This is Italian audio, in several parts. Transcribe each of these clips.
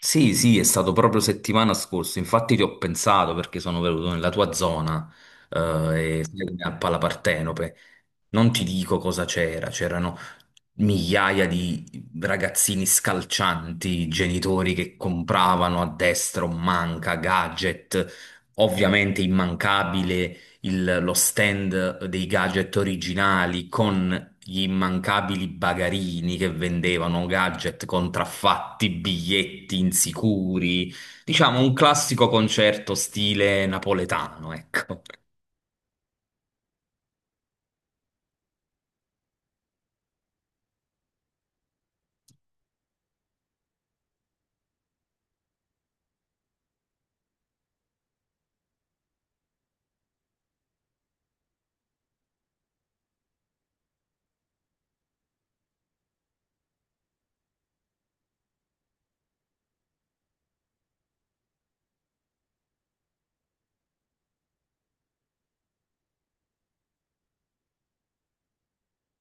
Sì, sì, è stato proprio settimana scorsa, infatti ti ho pensato perché sono venuto nella tua zona, e sai com'è a Pala Partenope. Non ti dico cosa c'era, c'erano migliaia di ragazzini scalcianti, genitori che compravano a destra un manca, gadget, ovviamente immancabile lo stand dei gadget originali con gli immancabili bagarini che vendevano gadget contraffatti, biglietti insicuri, diciamo un classico concerto stile napoletano, ecco.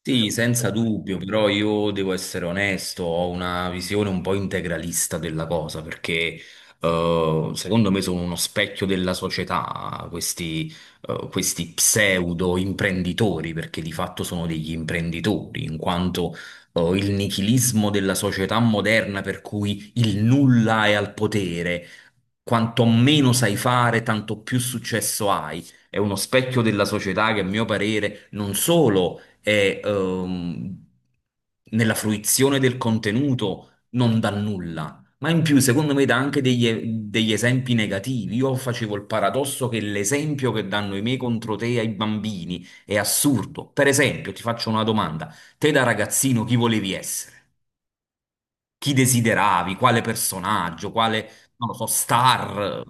Sì, senza dubbio, però io devo essere onesto, ho una visione un po' integralista della cosa, perché secondo me sono uno specchio della società, questi, questi pseudo imprenditori, perché di fatto sono degli imprenditori, in quanto il nichilismo della società moderna, per cui il nulla è al potere, quanto meno sai fare, tanto più successo hai, è uno specchio della società che a mio parere non solo e nella fruizione del contenuto non dà nulla. Ma in più, secondo me, dà anche degli, degli esempi negativi. Io facevo il paradosso che l'esempio che danno i miei contro te ai bambini è assurdo. Per esempio, ti faccio una domanda. Te da ragazzino chi volevi essere? Chi desideravi? Quale personaggio? Quale, non lo so, star?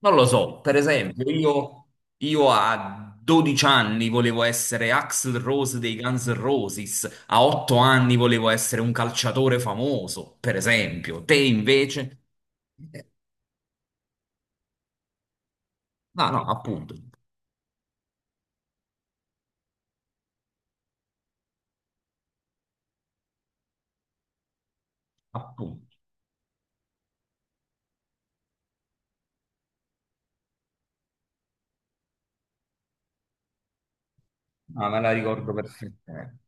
Non lo so, per esempio, io a 12 anni volevo essere Axl Rose dei Guns N' Roses, a 8 anni volevo essere un calciatore famoso, per esempio. Te invece? Eh, No, no, appunto. No, me la ricordo perfettamente.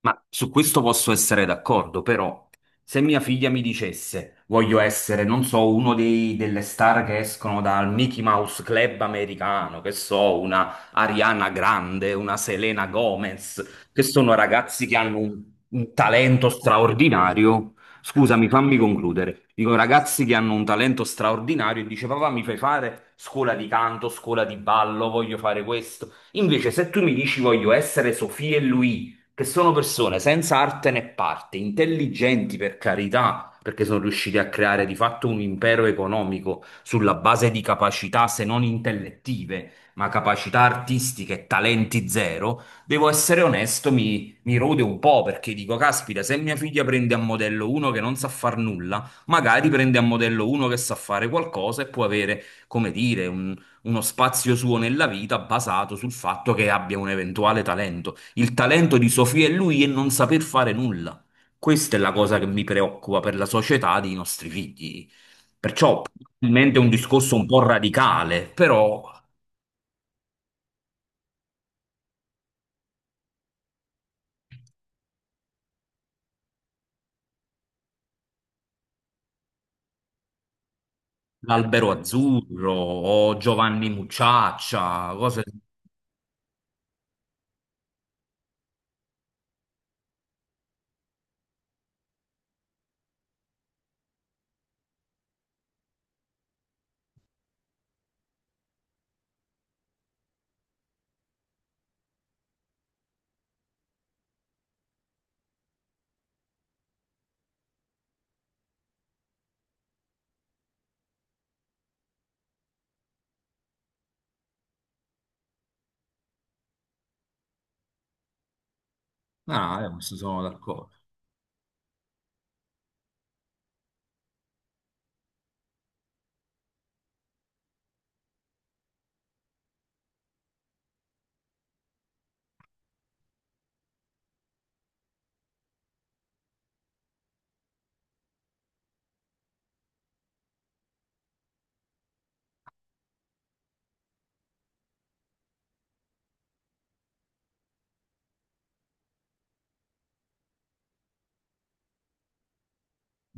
Ma su questo posso essere d'accordo, però se mia figlia mi dicesse voglio essere, non so, uno delle star che escono dal Mickey Mouse Club americano, che so, una Ariana Grande, una Selena Gomez, che sono ragazzi che hanno un talento straordinario, scusami, fammi concludere. Dico ragazzi che hanno un talento straordinario e dice papà mi fai fare scuola di canto, scuola di ballo, voglio fare questo. Invece se tu mi dici voglio essere Sofia e Luigi, che sono persone senza arte né parte, intelligenti per carità, perché sono riusciti a creare di fatto un impero economico sulla base di capacità, se non intellettive, ma capacità artistiche e talenti zero, devo essere onesto, mi rode un po' perché dico, caspita, se mia figlia prende a modello uno che non sa far nulla, magari prende a modello uno che sa fare qualcosa e può avere, come dire, uno spazio suo nella vita basato sul fatto che abbia un eventuale talento. Il talento di Sofia e lui è non saper fare nulla. Questa è la cosa che mi preoccupa per la società dei nostri figli. Perciò, probabilmente è un discorso un po' radicale, però l'albero azzurro o Giovanni Mucciaccia, cose... Ah, questo sono d'accordo.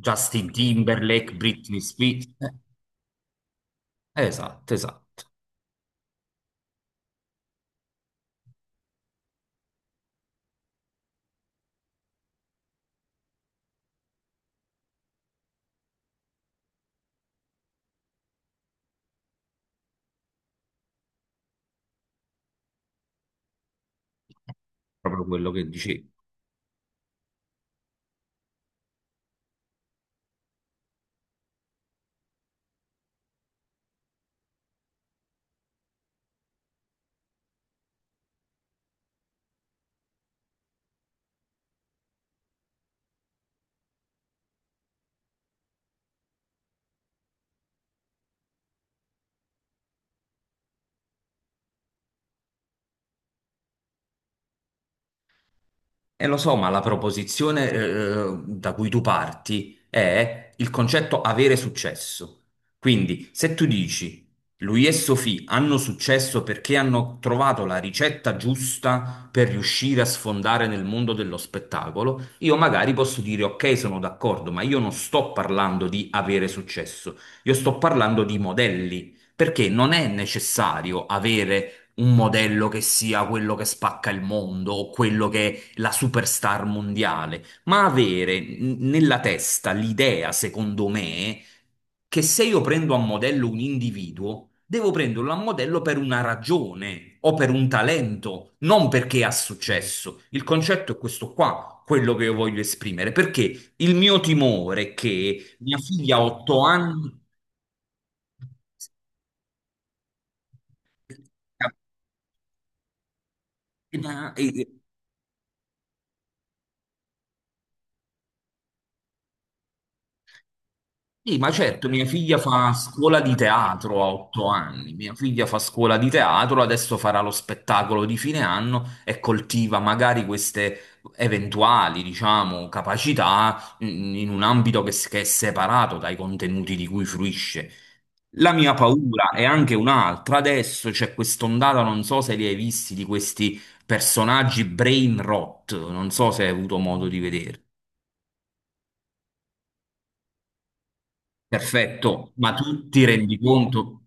Justin Timberlake, Britney Spears. Esatto, esatto. Proprio quello che dicevi. E lo so, ma la proposizione, da cui tu parti è il concetto avere successo. Quindi, se tu dici lui e Sophie hanno successo perché hanno trovato la ricetta giusta per riuscire a sfondare nel mondo dello spettacolo, io magari posso dire ok, sono d'accordo, ma io non sto parlando di avere successo, io sto parlando di modelli, perché non è necessario avere un modello che sia quello che spacca il mondo o quello che la superstar mondiale, ma avere nella testa l'idea, secondo me, che se io prendo a modello un individuo, devo prenderlo a modello per una ragione o per un talento, non perché ha successo. Il concetto è questo qua, quello che io voglio esprimere, perché il mio timore è che mia figlia ha otto anni... Sì, ma certo, mia figlia fa scuola di teatro a otto anni, mia figlia fa scuola di teatro, adesso farà lo spettacolo di fine anno e coltiva magari queste eventuali, diciamo, capacità mm, in un ambito che, che è separato dai contenuti di cui fruisce. La mia paura è anche un'altra, adesso c'è quest'ondata, non so se li hai visti, di questi personaggi brain rot, non so se hai avuto modo di vedere. Perfetto, ma tu ti rendi conto?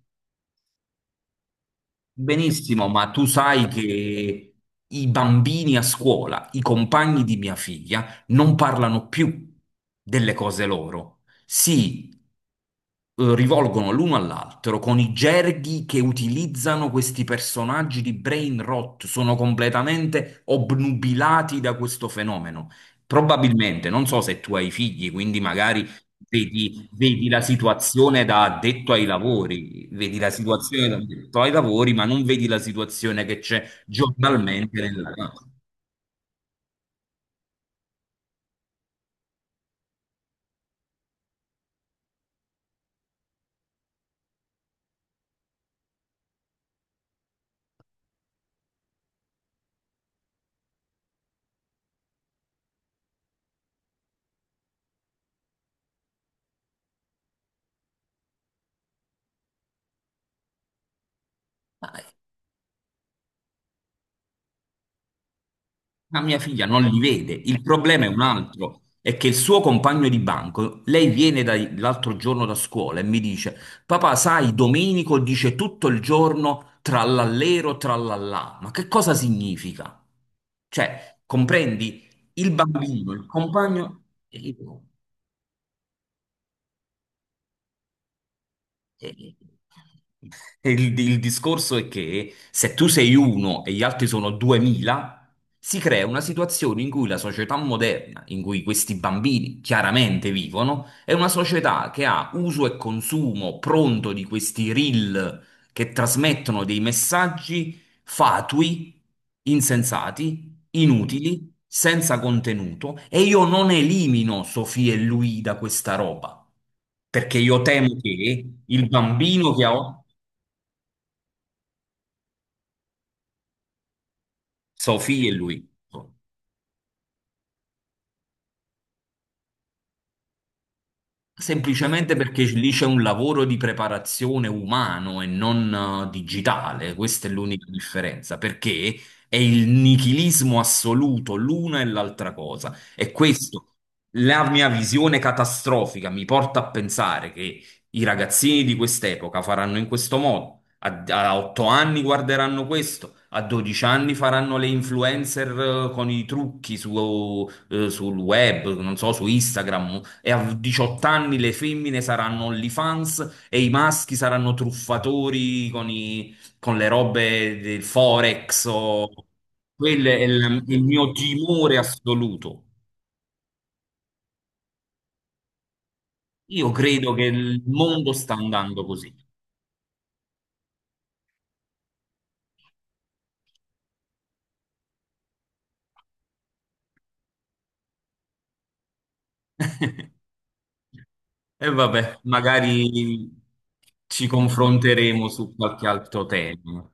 Benissimo, ma tu sai che i bambini a scuola, i compagni di mia figlia, non parlano più delle cose loro. Si rivolgono l'uno all'altro con i gerghi che utilizzano questi personaggi di brain rot, sono completamente obnubilati da questo fenomeno. Probabilmente, non so se tu hai figli, quindi magari vedi la situazione da addetto ai lavori, vedi la situazione da addetto ai lavori, ma non vedi la situazione che c'è giornalmente nella casa. Ma mia figlia non li vede. Il problema è un altro, è che il suo compagno di banco, lei viene l'altro giorno da scuola e mi dice, papà, sai, Domenico dice tutto il giorno trallallero, trallallà. Ma che cosa significa? Cioè, comprendi? Il bambino, il compagno... E- il discorso è che se tu sei uno e gli altri sono 2000, si crea una situazione in cui la società moderna, in cui questi bambini chiaramente vivono, è una società che ha uso e consumo pronto di questi reel che trasmettono dei messaggi fatui, insensati, inutili senza contenuto e io non elimino Sofì e lui da questa roba, perché io temo che il bambino che ha Sofì e lui. Semplicemente perché lì c'è un lavoro di preparazione umano e non digitale, questa è l'unica differenza, perché è il nichilismo assoluto, l'una e l'altra cosa. E questo, la mia visione catastrofica mi porta a pensare che i ragazzini di quest'epoca faranno in questo modo, a 8 anni guarderanno questo, a 12 anni faranno le influencer con i trucchi su sul web, non so, su Instagram, e a 18 anni le femmine saranno OnlyFans e i maschi saranno truffatori con, con le robe del Forex. O- Quello è il mio timore assoluto. Io credo che il mondo sta andando così. E vabbè, magari ci confronteremo su qualche altro tema.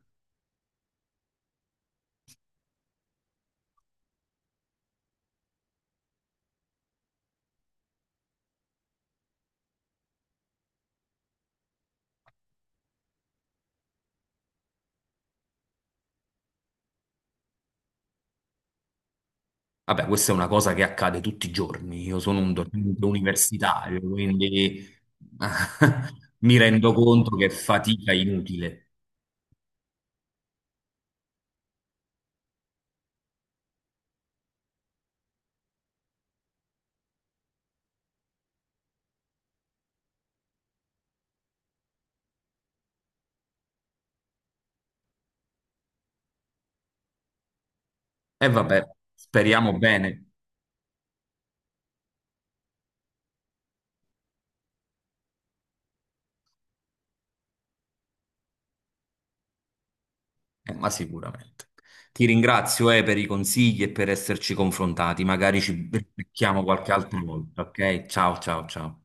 Vabbè, questa è una cosa che accade tutti i giorni. Io sono un docente universitario, quindi mi rendo conto che fatica è inutile. E vabbè, speriamo bene, ma sicuramente. Ti ringrazio, per i consigli e per esserci confrontati. Magari ci becchiamo qualche altra volta, ok? Ciao, ciao, ciao.